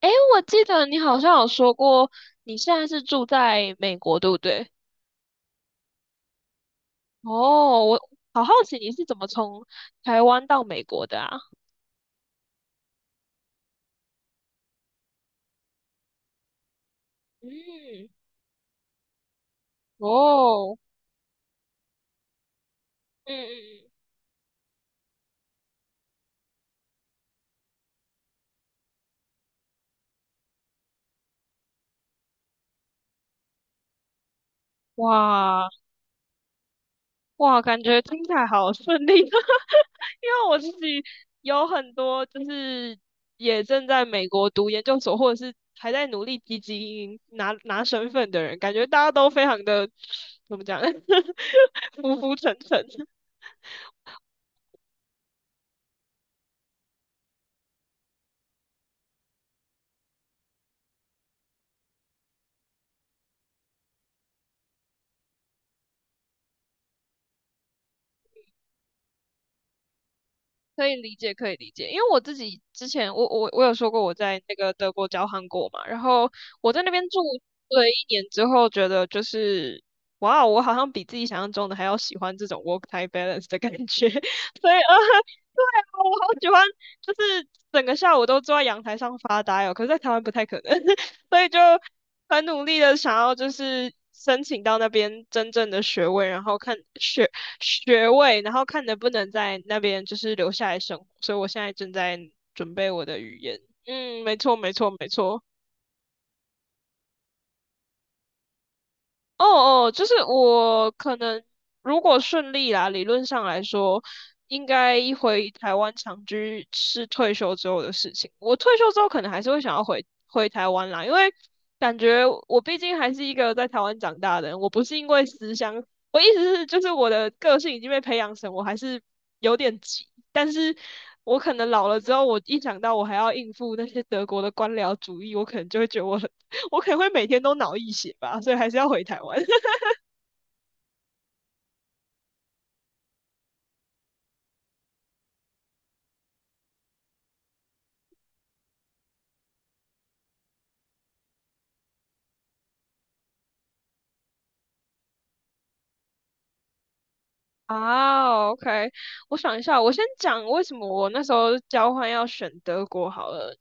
诶，我记得你好像有说过，你现在是住在美国，对不对？哦，我好好奇你是怎么从台湾到美国的啊？嗯，哦，嗯嗯嗯，哇哇，感觉听起来好顺利，因为我自己有很多就是也正在美国读研究所，或者是还在努力积极拿身份的人，感觉大家都非常的怎么讲，浮浮沉沉。可以理解，可以理解，因为我自己之前，我有说过我在那个德国交换过嘛，然后我在那边住了一年之后，觉得就是，哇哦，我好像比自己想象中的还要喜欢这种 work-life balance 的感觉，我好喜欢，就是整个下午都坐在阳台上发呆哦。可是，在台湾不太可能，所以就很努力的想要就是申请到那边真正的学位，然后看学位，然后看能不能在那边就是留下来生活。所以我现在正在准备我的语言。嗯，没错，没错，没错。哦哦，就是我可能如果顺利啦，理论上来说，应该一回台湾长居是退休之后的事情。我退休之后可能还是会想要回台湾啦，因为感觉我毕竟还是一个在台湾长大的人，我不是因为思乡，我意思是就是我的个性已经被培养成我还是有点急，但是我可能老了之后，我一想到我还要应付那些德国的官僚主义，我可能就会觉得我很，我可能会每天都脑溢血吧，所以还是要回台湾。啊，OK，我想一下，我先讲为什么我那时候交换要选德国好了。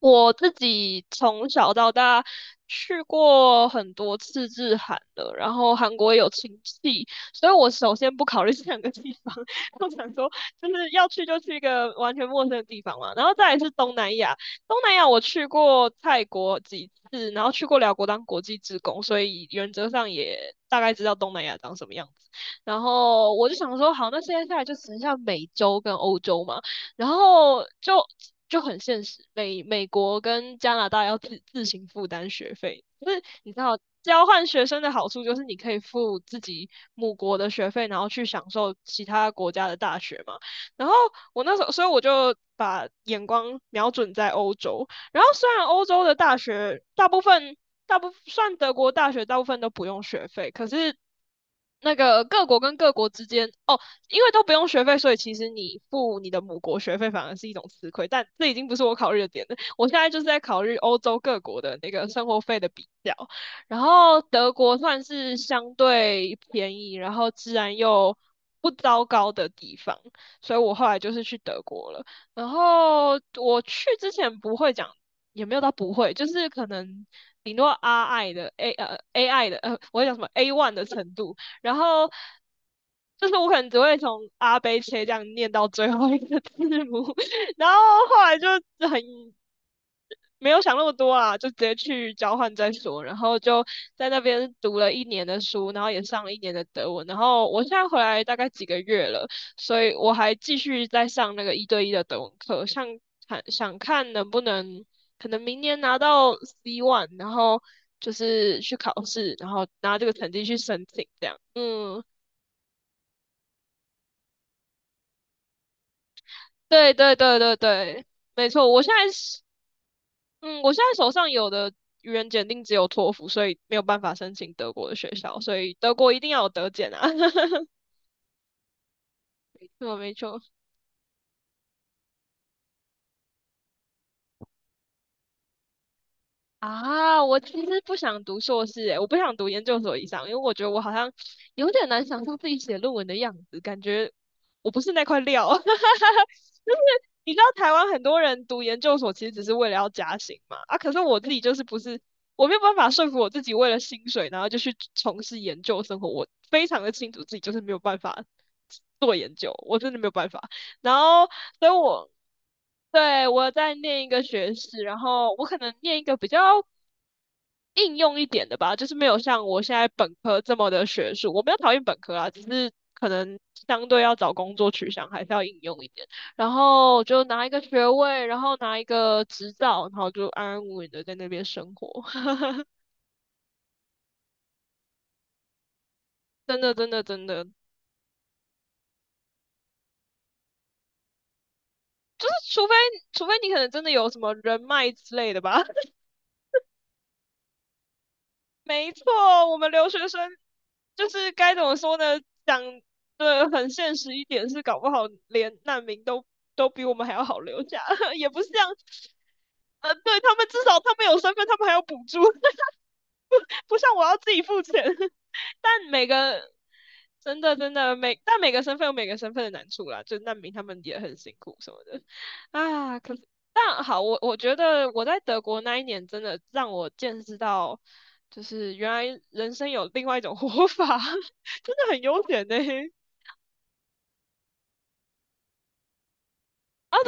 我自己从小到大去过很多次日韩了，然后韩国也有亲戚，所以我首先不考虑 这两个地方，我想说就是要去就去一个完全陌生的地方嘛，然后再来是东南亚，东南亚我去过泰国几次，然后去过辽国当国际职工，所以原则上也大概知道东南亚长什么样子。然后我就想说，好，那现在下来就只剩下美洲跟欧洲嘛。然后就很现实，美国跟加拿大要自行负担学费，就是你知道交换学生的好处就是你可以付自己母国的学费，然后去享受其他国家的大学嘛。然后我那时候，所以我就把眼光瞄准在欧洲。然后虽然欧洲的大学大部分大部算德国大学大部分都不用学费，可是那个各国跟各国之间，哦，因为都不用学费，所以其实你付你的母国学费反而是一种吃亏。但这已经不是我考虑的点了，我现在就是在考虑欧洲各国的那个生活费的比较。然后德国算是相对便宜，然后治安又不糟糕的地方，所以我后来就是去德国了。然后我去之前不会讲，也没有到不会，就是可能顶多 R I 的 A A I 的，我会讲什么 A1 的程度，然后就是我可能只会从阿贝切这样念到最后一个字母，然后后来就很没有想那么多啊，就直接去交换再说，然后就在那边读了一年的书，然后也上了一年的德文，然后我现在回来大概几个月了，所以我还继续在上那个一对一的德文课，想看能不能可能明年拿到 C1，然后。就是去考试，然后拿这个成绩去申请，这样，嗯。对对对对对，没错。我现在手上有的语言检定只有托福，所以没有办法申请德国的学校，所以德国一定要有德检啊。没错没错。啊，我其实不想读硕士，诶，我不想读研究所以上，因为我觉得我好像有点难想象自己写论文的样子，感觉我不是那块料。就是你知道台湾很多人读研究所其实只是为了要加薪嘛，啊，可是我自己就是不是，我没有办法说服我自己为了薪水，然后就去从事研究生活，我非常的清楚自己就是没有办法做研究，我真的没有办法。然后所以我对我在念一个学士，然后我可能念一个比较应用一点的吧，就是没有像我现在本科这么的学术。我没有讨厌本科啊，只是可能相对要找工作取向还是要应用一点。然后就拿一个学位，然后拿一个执照，然后就安安稳稳的在那边生活。真的，真的，真的，就是除非你可能真的有什么人脉之类的吧。没错，我们留学生就是该怎么说呢？讲的很现实一点是，搞不好连难民都比我们还要好留下，也不是这样，对，他们至少他们有身份，他们还有补助，不不像我要自己付钱。但每个真的真的每个身份有每个身份的难处啦，就难民他们也很辛苦什么的啊。可是但好，我觉得我在德国那一年真的让我见识到，就是原来人生有另外一种活法，真的很悠闲呢、啊，真的吗？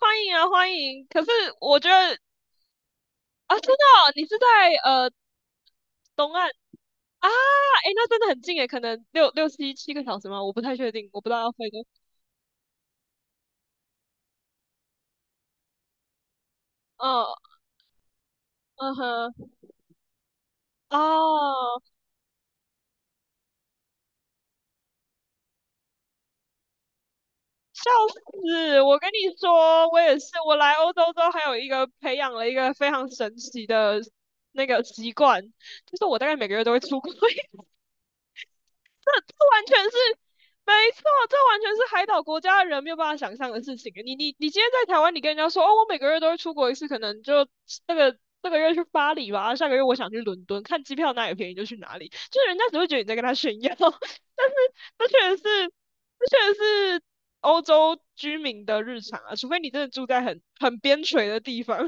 欢迎啊，欢迎。可是我觉得啊，真的哦你是在呃东岸。啊，哎，那真的很近诶，可能六六七七个小时吗？我不太确定，我不知道要飞多。嗯嗯哼，哦，笑死！我跟你说，我也是，我来欧洲之后，还有一个培养了一个非常神奇的那个习惯，就是我大概每个月都会出国 这完全是没错，这完全是海岛国家的人没有办法想象的事情。你今天在台湾，你跟人家说哦，我每个月都会出国一次，可能就那个这个月去巴黎吧，下个月我想去伦敦，看机票哪里便宜就去哪里，就是人家只会觉得你在跟他炫耀。但是这确实是，这确实是欧洲居民的日常啊，除非你真的住在很边陲的地方，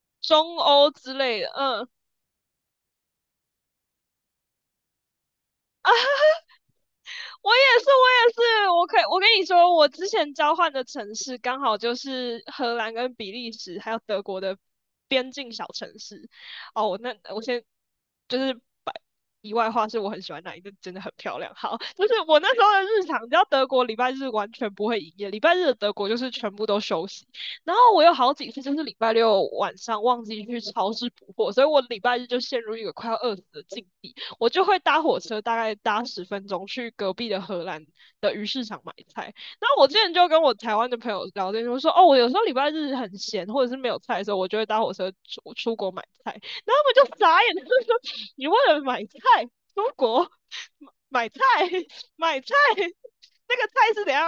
中欧之类的，嗯。我也是，我也是，我跟你说，我之前交换的城市刚好就是荷兰跟比利时还有德国的边境小城市。哦，那我先就是把题外话，是我很喜欢哪一个，那真的很漂亮。好，就是我那时候的日常，你知道德国礼拜日完全不会营业，礼拜日的德国就是全部都休息。然后我有好几次就是礼拜六晚上忘记去超市补货，所以我礼拜日就陷入一个快要饿死的境地。我就会搭火车，大概搭10分钟去隔壁的荷兰的鱼市场买菜。那我之前就跟我台湾的朋友聊天，就说哦，我有时候礼拜日很闲，或者是没有菜的时候，我就会搭火车出国买菜。然后他们就傻眼，他们说你为了买菜出国买菜买菜，那个菜是怎样？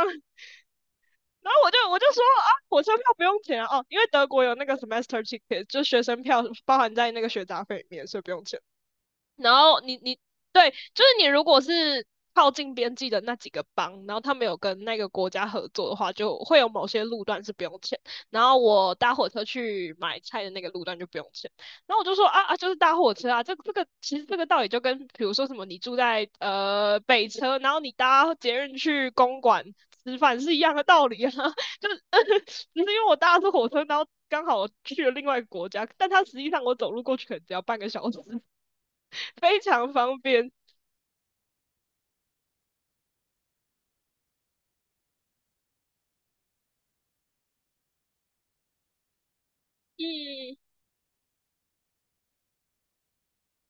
然后我就说啊，火车票不用钱啊，哦，因为德国有那个 semester ticket，就学生票包含在那个学杂费里面，所以不用钱。然后你对，就是你如果是靠近边际的那几个邦，然后他没有跟那个国家合作的话，就会有某些路段是不用钱。然后我搭火车去买菜的那个路段就不用钱。然后我就说啊啊，就是搭火车啊，这个其实这个道理就跟比如说什么你住在北车，然后你搭捷运去公馆吃饭是一样的道理啊，就是只是因为我搭的是火车，然后刚好我去了另外一个国家，但它实际上我走路过去可能只要半个小时。非常方便。嗯，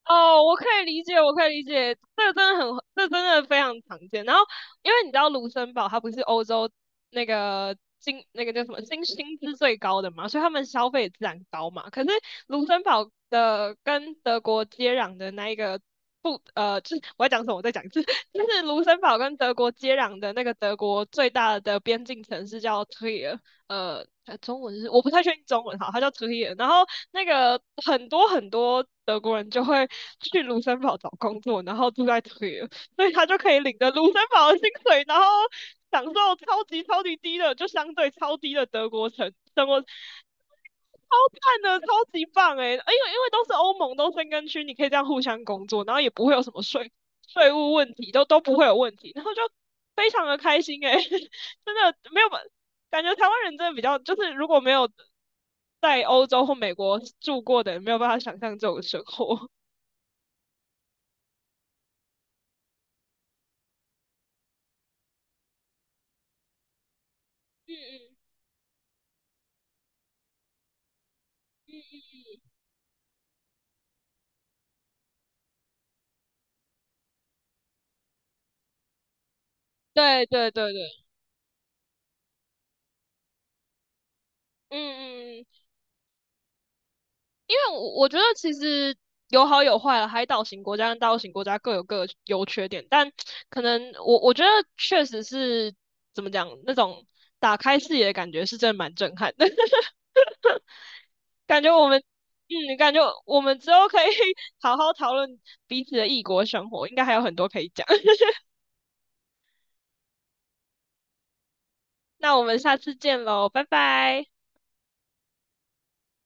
哦，我可以理解，我可以理解，这真的非常常见。然后，因为你知道卢森堡它不是欧洲那个金那个叫什么薪资最高的嘛，所以他们消费自然高嘛。可是卢森堡的跟德国接壤的那一个不呃，就是我要讲什么，我再讲一次，就是卢森堡跟德国接壤的那个德国最大的边境城市叫 Trier，中文是我不太确定中文，好，它叫 Trier。然后那个很多很多德国人就会，去卢森堡找工作，然后住在这里，所以他就可以领着卢森堡的薪水，然后享受超级超级低的，就相对超低的德国城生活，超赞的，超级棒诶、因为都是欧盟，都申根区，你可以这样互相工作，然后也不会有什么税务问题，都不会有问题，然后就非常的开心诶、真的没有感觉台湾人真的比较，就是如果没有在欧洲或美国住过的，没有办法想象这种生活。嗯嗯嗯，对对对对，嗯嗯嗯，因为我觉得其实有好有坏了，海岛型国家跟大陆型国家各有各的优缺点，但可能我觉得确实是怎么讲，那种打开视野的感觉是真的蛮震撼的，感觉我们感觉我们之后可以 好好讨论彼此的异国生活，应该还有很多可以讲。那我们下次见喽，拜拜。